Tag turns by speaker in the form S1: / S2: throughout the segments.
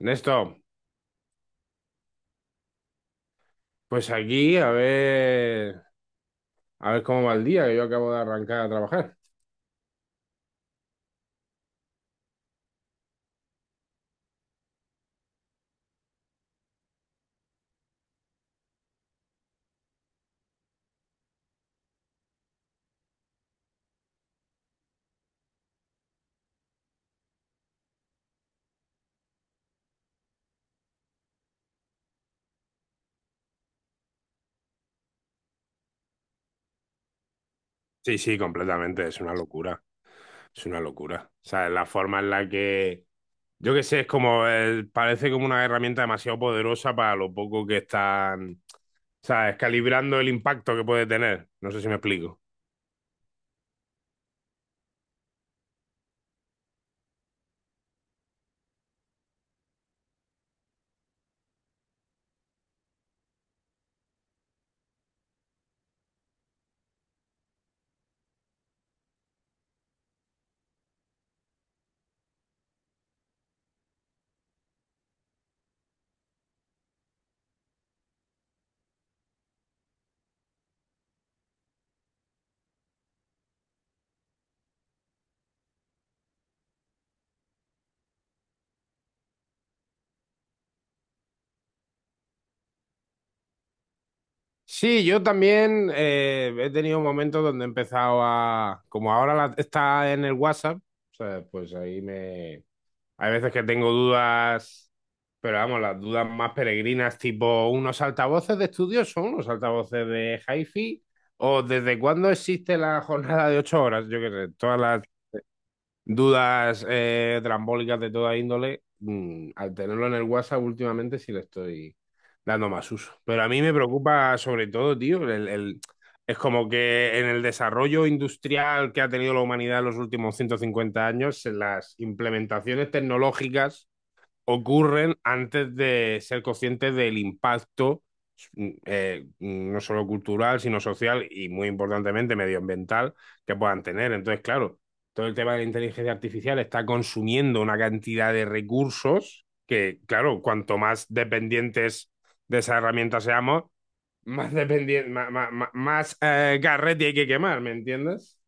S1: Ernesto, pues aquí a ver cómo va el día, que yo acabo de arrancar a trabajar. Sí, sí, completamente, es una locura, es una locura. O sea, la forma en la que, yo qué sé, es como, parece como una herramienta demasiado poderosa para lo poco que están, ¿sabes? Calibrando el impacto que puede tener. No sé si me explico. Sí, yo también he tenido momentos donde he empezado a, como ahora está en el WhatsApp, o sea, pues ahí me. Hay veces que tengo dudas, pero vamos, las dudas más peregrinas, tipo unos altavoces de estudio son unos altavoces de hi-fi, o desde cuándo existe la jornada de 8 horas, yo qué sé, todas las dudas trambólicas de toda índole, al tenerlo en el WhatsApp últimamente sí le estoy dando más uso. Pero a mí me preocupa sobre todo, tío, es como que en el desarrollo industrial que ha tenido la humanidad en los últimos 150 años, en las implementaciones tecnológicas ocurren antes de ser conscientes del impacto, no solo cultural, sino social y muy importantemente medioambiental que puedan tener. Entonces, claro, todo el tema de la inteligencia artificial está consumiendo una cantidad de recursos que, claro, cuanto más dependientes de esa herramienta seamos, más, dependiente, más, garrete hay que quemar, ¿me entiendes?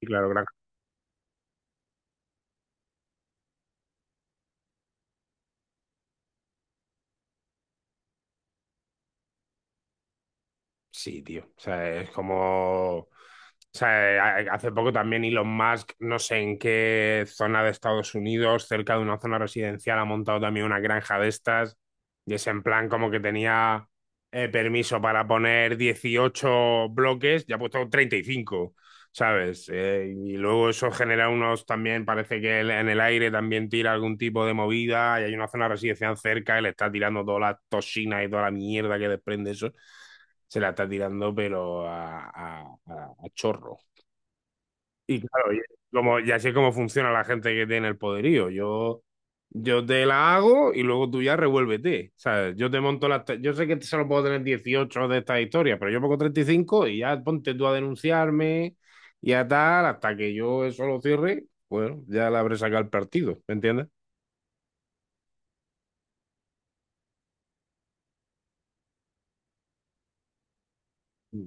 S1: Y claro, gran Sí, tío. O sea, es como. O sea, hace poco también Elon Musk, no sé en qué zona de Estados Unidos, cerca de una zona residencial, ha montado también una granja de estas. Y es en plan como que tenía permiso para poner 18 bloques, ya ha puesto 35, ¿sabes? Y luego eso genera unos también, parece que él en el aire también tira algún tipo de movida. Y hay una zona residencial cerca, él está tirando todas las toxinas y toda la mierda que desprende eso se la está tirando, pero a chorro. Y claro, y como, ya sé cómo funciona la gente que tiene el poderío. Yo te la hago y luego tú ya revuélvete. ¿Sabes? Yo te monto las. Te- Yo sé que solo puedo tener 18 de estas historias, pero yo pongo 35 y cinco y ya ponte tú a denunciarme y a tal, hasta que yo eso lo cierre. Bueno, ya la habré sacado el partido, ¿me entiendes? Mm.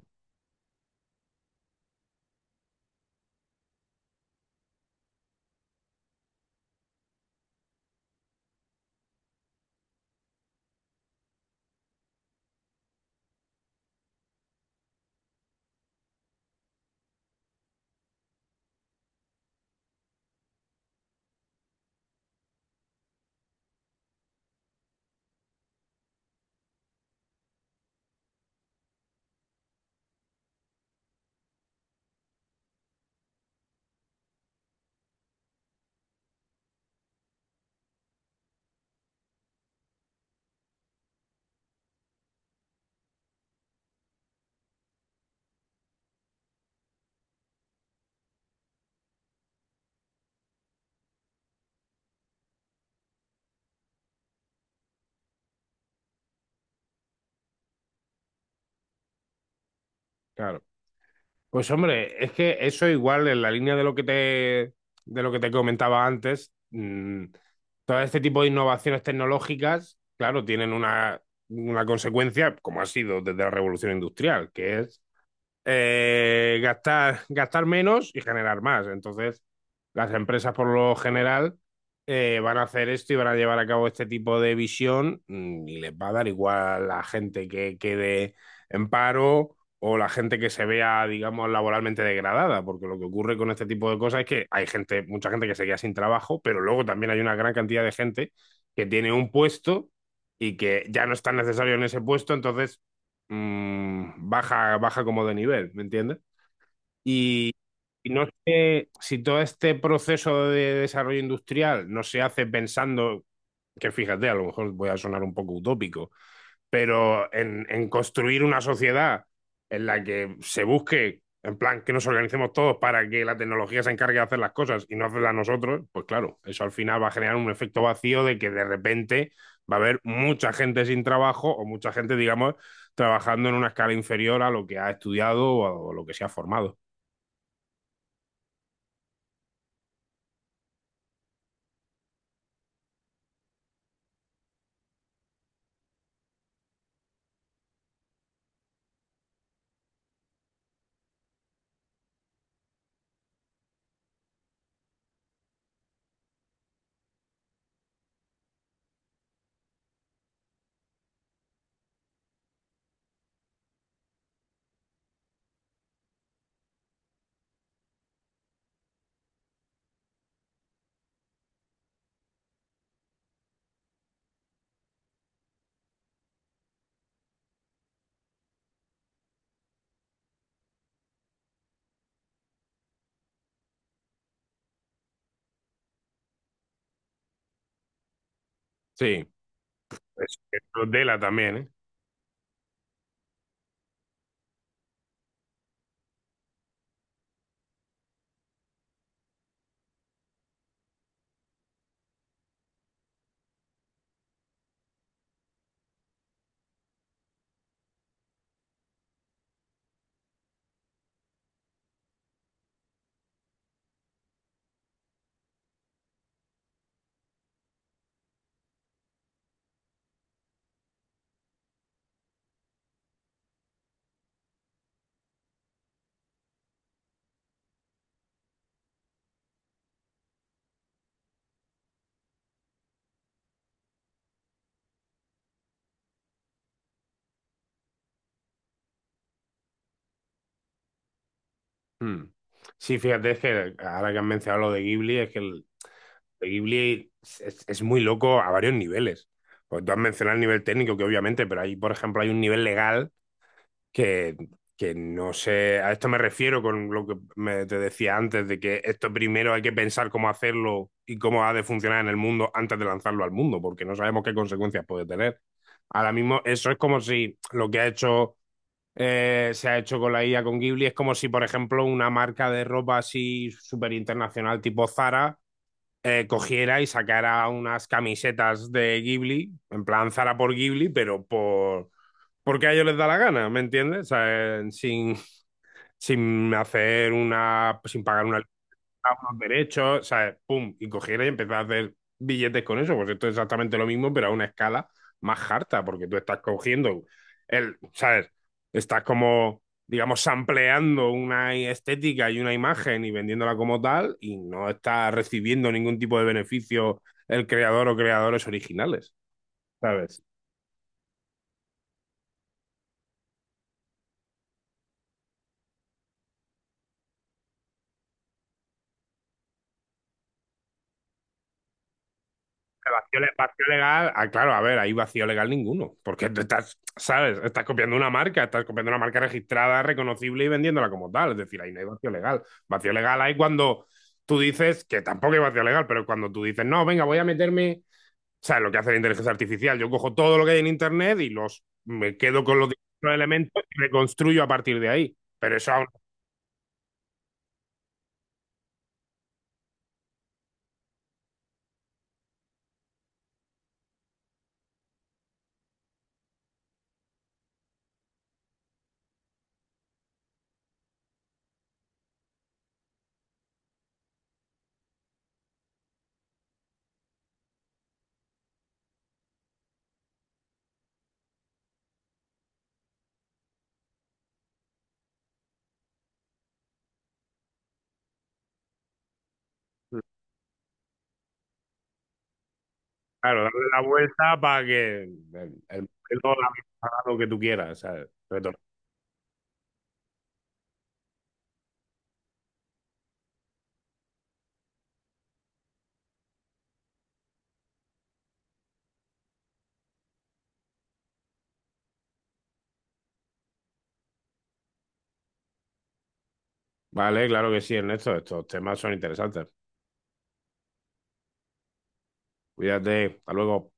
S1: Claro. Pues hombre, es que eso igual en la línea de lo que te, comentaba antes, mm, todo este tipo de innovaciones tecnológicas, claro, tienen una consecuencia, como ha sido desde la revolución industrial, que es gastar, gastar menos y generar más. Entonces, las empresas por lo general van a hacer esto y van a llevar a cabo este tipo de visión, y les va a dar igual la gente que quede en paro o la gente que se vea, digamos, laboralmente degradada, porque lo que ocurre con este tipo de cosas es que hay gente, mucha gente que se queda sin trabajo, pero luego también hay una gran cantidad de gente que tiene un puesto y que ya no está necesario en ese puesto, entonces baja, baja como de nivel, ¿me entiendes? Y, y no sé si todo este proceso de desarrollo industrial no se hace pensando, que fíjate, a lo mejor voy a sonar un poco utópico, pero en, construir una sociedad en la que se busque, en plan, que nos organicemos todos para que la tecnología se encargue de hacer las cosas y no hacerlas nosotros, pues claro, eso al final va a generar un efecto vacío de que de repente va a haber mucha gente sin trabajo o mucha gente, digamos, trabajando en una escala inferior a lo que ha estudiado o o lo que se ha formado. Sí, es lo de la también, ¿eh? Mm. Sí, fíjate, es que ahora que han mencionado lo de Ghibli, es que de Ghibli es muy loco a varios niveles. Pues tú has mencionado el nivel técnico, que obviamente, pero ahí, por ejemplo, hay un nivel legal que, que no sé. A esto me refiero con lo que te decía antes, de que esto primero hay que pensar cómo hacerlo y cómo ha de funcionar en el mundo antes de lanzarlo al mundo, porque no sabemos qué consecuencias puede tener. Ahora mismo, eso es como si lo que ha hecho. Se ha hecho con la IA con Ghibli, es como si, por ejemplo, una marca de ropa así súper internacional tipo Zara cogiera y sacara unas camisetas de Ghibli, en plan Zara por Ghibli, pero porque a ellos les da la gana, ¿me entiendes? O sea, sin pagar una a unos derechos, ¿sabes? Pum, y cogiera y empezar a hacer billetes con eso. Pues esto es exactamente lo mismo, pero a una escala más harta, porque tú estás cogiendo ¿sabes? Estás como, digamos, sampleando una estética y una imagen y vendiéndola como tal, y no estás recibiendo ningún tipo de beneficio el creador o creadores originales, ¿sabes? Vacío legal, ah, claro, a ver, ahí vacío legal ninguno, porque tú estás, ¿sabes? Estás copiando una marca, estás copiando una marca registrada, reconocible y vendiéndola como tal, es decir, ahí no hay vacío legal. Vacío legal hay cuando tú dices, que tampoco hay vacío legal, pero cuando tú dices, no, venga, voy a meterme, ¿sabes? Lo que hace la inteligencia artificial, yo cojo todo lo que hay en Internet y me quedo con los distintos elementos y reconstruyo a partir de ahí. Pero eso aún, claro, darle la vuelta para que lo que tú quieras, ¿sabes? Vale, claro que sí, Ernesto. Estos temas son interesantes. Cuídate. Hasta luego.